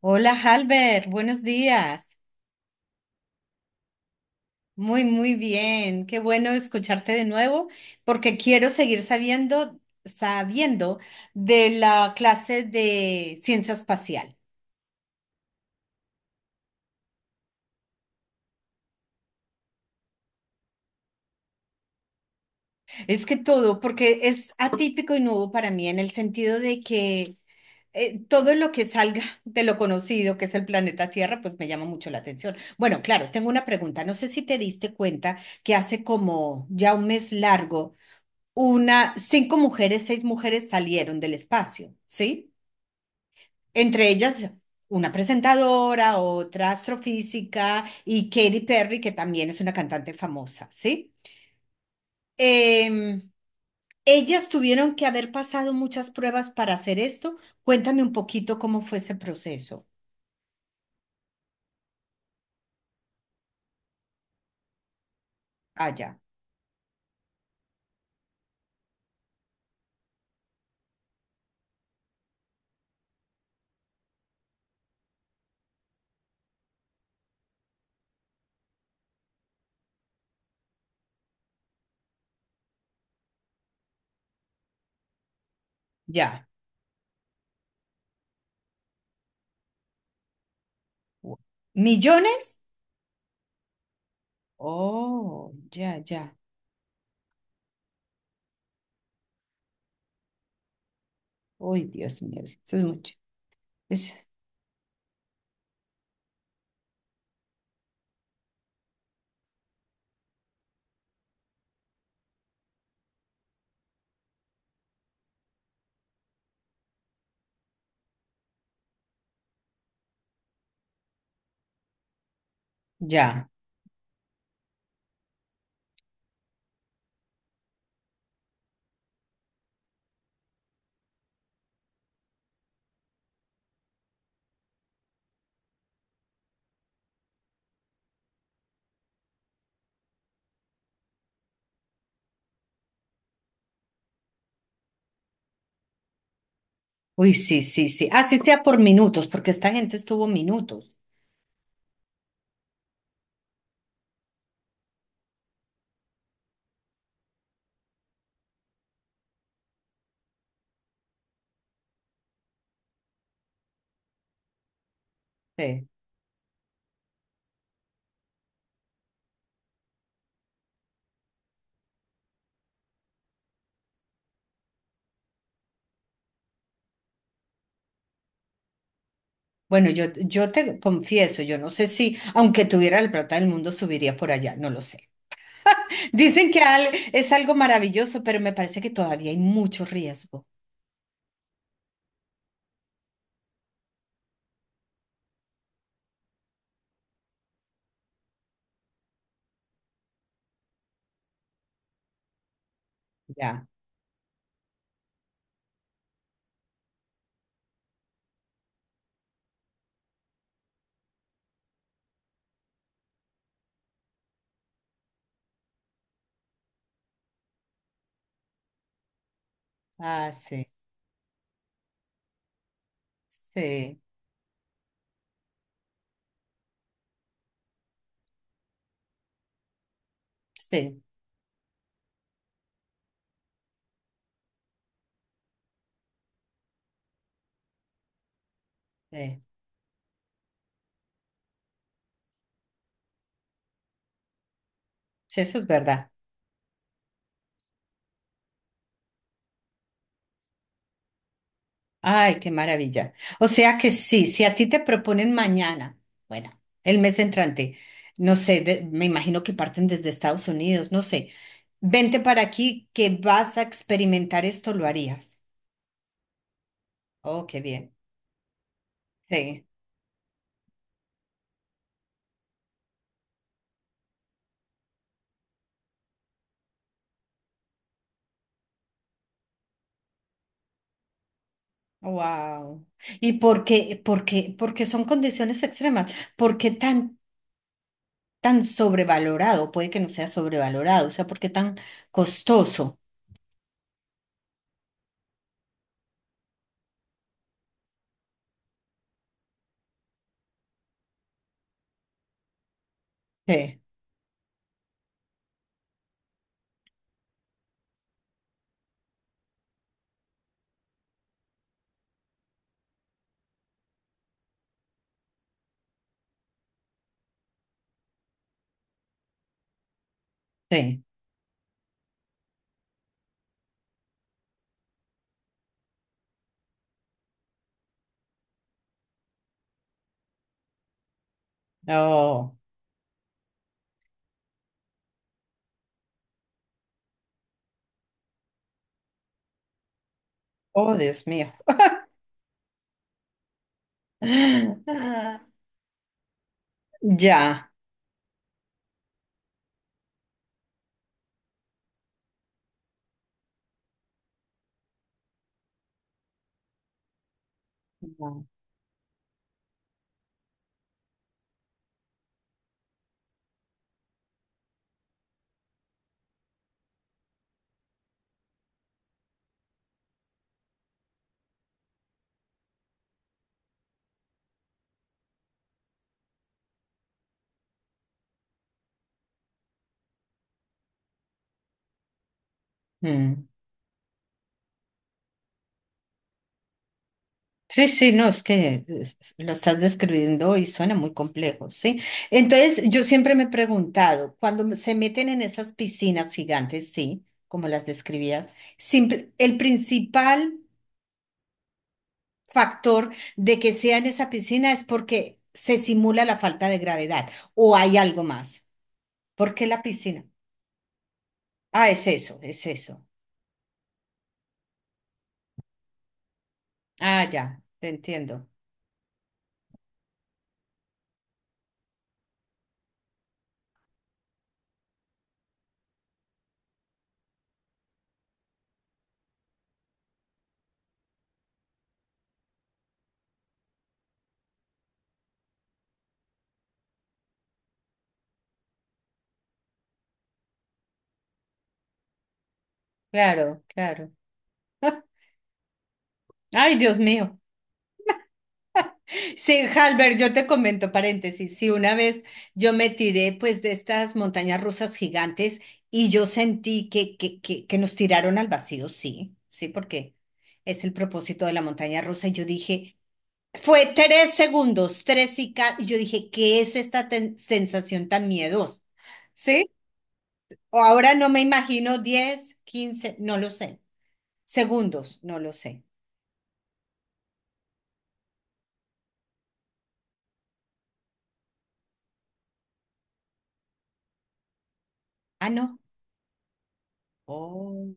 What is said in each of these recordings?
Hola, Halbert, buenos días. Muy, muy bien. Qué bueno escucharte de nuevo porque quiero seguir sabiendo de la clase de ciencia espacial. Es que todo, porque es atípico y nuevo para mí en el sentido de que todo lo que salga de lo conocido, que es el planeta Tierra, pues me llama mucho la atención. Bueno, claro, tengo una pregunta. No sé si te diste cuenta que hace como ya un mes largo. Una, cinco mujeres, seis mujeres salieron del espacio, ¿sí? Entre ellas una presentadora, otra astrofísica y Katy Perry, que también es una cantante famosa, ¿sí? Em, Ellas tuvieron que haber pasado muchas pruebas para hacer esto. Cuéntame un poquito cómo fue ese proceso. Ah, ya, ya. ¿Millones? Oh, ya, ya. Uy, Dios mío, eso es mucho. Es, ya. Uy, sí, sí, sí. Así sea por minutos, porque esta gente estuvo minutos. Sí. Bueno, yo te confieso, yo no sé si, aunque tuviera el plata del mundo, subiría por allá, no lo sé. Dicen que al- es algo maravilloso, pero me parece que todavía hay mucho riesgo. Ya. Ah, sí, sí, sí, sí. Sí, eso es verdad. Ay, qué maravilla. O sea que sí, si a ti te proponen mañana, bueno, el mes entrante, no sé, de- me imagino que parten desde Estados Unidos, no sé, vente para aquí que vas a experimentar esto, lo harías. Oh, qué bien. Sí. Wow. ¿Y por qué son condiciones extremas? ¿Por qué tan, tan sobrevalorado? Puede que no sea sobrevalorado, o sea, ¿por qué tan costoso? Sí, sí. Oh, oh, Dios mío. Ya. Ujú. Mm. Sí, sí, no, es que es- lo estás describiendo y suena muy complejo, ¿sí? Entonces, yo siempre me he preguntado, cuando me- se meten en esas piscinas gigantes, sí, como las describía, simple- el principal factor de que sea en esa piscina es porque se simula la falta de gravedad o hay algo más. ¿Por qué la piscina? Ah, es eso, es eso. Ah, ya, te entiendo. Claro, claro. Ay, Dios mío. Sí, Halber, yo te comento paréntesis. Sí, una vez yo me tiré pues de estas montañas rusas gigantes y yo sentí que nos tiraron al vacío, sí, sí, porque es el propósito de la montaña rusa. Y yo dije, fue tres segundos, tres y, ca- y yo dije, ¿qué es esta ten- sensación tan miedosa? ¿Sí? O ahora no me imagino 10, 15, no lo sé. Segundos, no lo sé. Ah, no. Oh.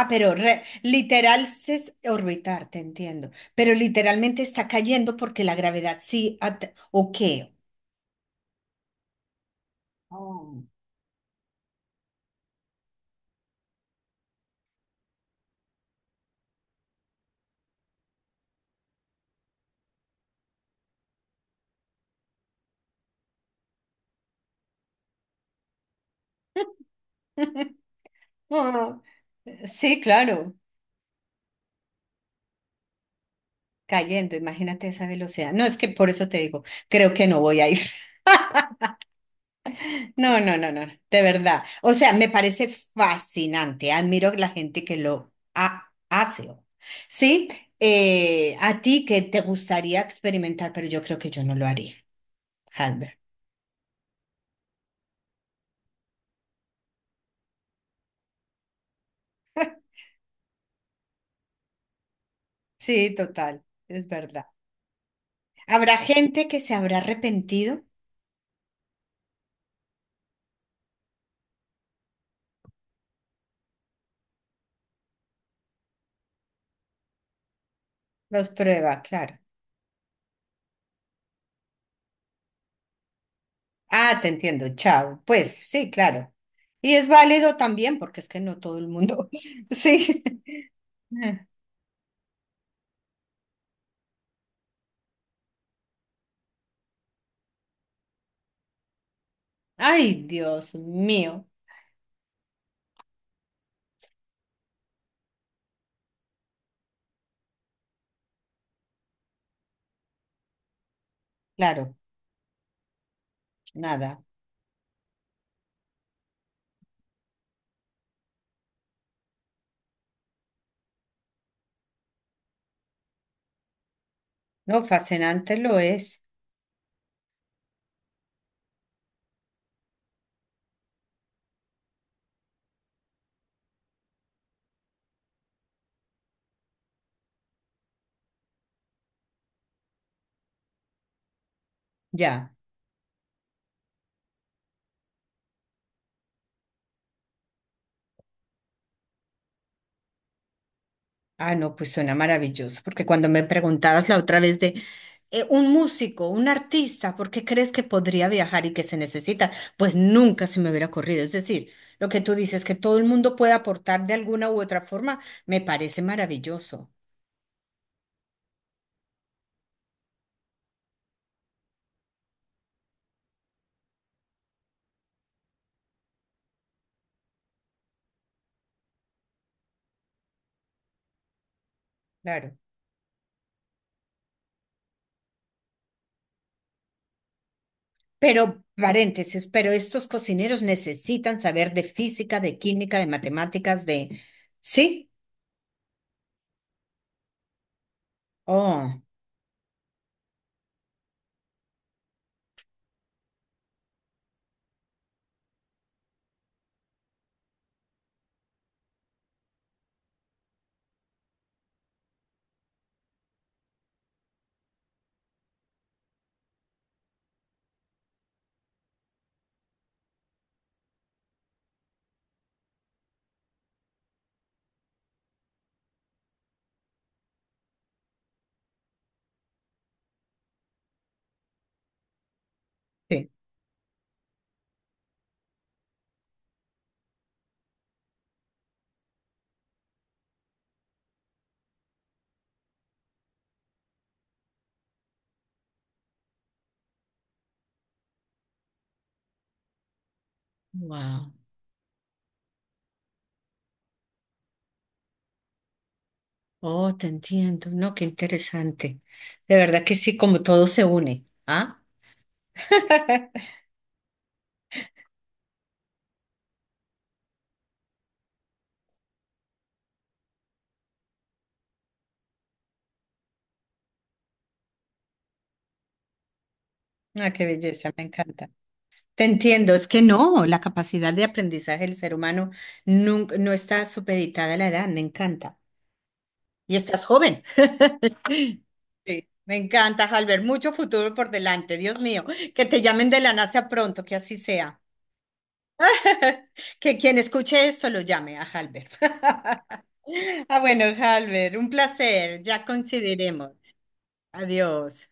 Ah, pero re- literal es orbitar, te entiendo. Pero literalmente está cayendo porque la gravedad sí. At- ¿O qué? Oh. Ah, sí, claro, cayendo, imagínate esa velocidad. No, es que por eso te digo, creo que no voy a ir. No, no, no, no, de verdad. O sea, me parece fascinante, admiro la gente que lo ha- hace. Sí, a ti que te gustaría experimentar, pero yo creo que yo no lo haría. Sí, total, es verdad. Habrá gente que se habrá arrepentido, los prueba, claro. Ah, te entiendo, chao. Pues sí, claro. Y es válido también, porque es que no todo el mundo. Sí. Ay, Dios mío. Claro, nada. No, fascinante lo es. Ya. Ah, no, pues suena maravilloso, porque cuando me preguntabas la otra vez de un músico, un artista, ¿por qué crees que podría viajar y que se necesita? Pues nunca se me hubiera ocurrido. Es decir, lo que tú dices, que todo el mundo puede aportar de alguna u otra forma, me parece maravilloso, claro. Pero, paréntesis, pero estos cocineros necesitan saber de física, de química, de matemáticas, de... ¿Sí? Oh, sí. Wow. Oh, te entiendo. No, qué interesante. De verdad que sí, como todo se une. ¿Ah? Ah, qué belleza, me encanta. Te entiendo, es que no, la capacidad de aprendizaje del ser humano nunca, no está supeditada a la edad, me encanta. Y estás joven. Sí, me encanta, Albert, mucho futuro por delante, Dios mío, que te llamen de la NASA pronto, que así sea. Que quien escuche esto lo llame a Halber. Ah, bueno, Halber, un placer, ya coincidiremos. Adiós.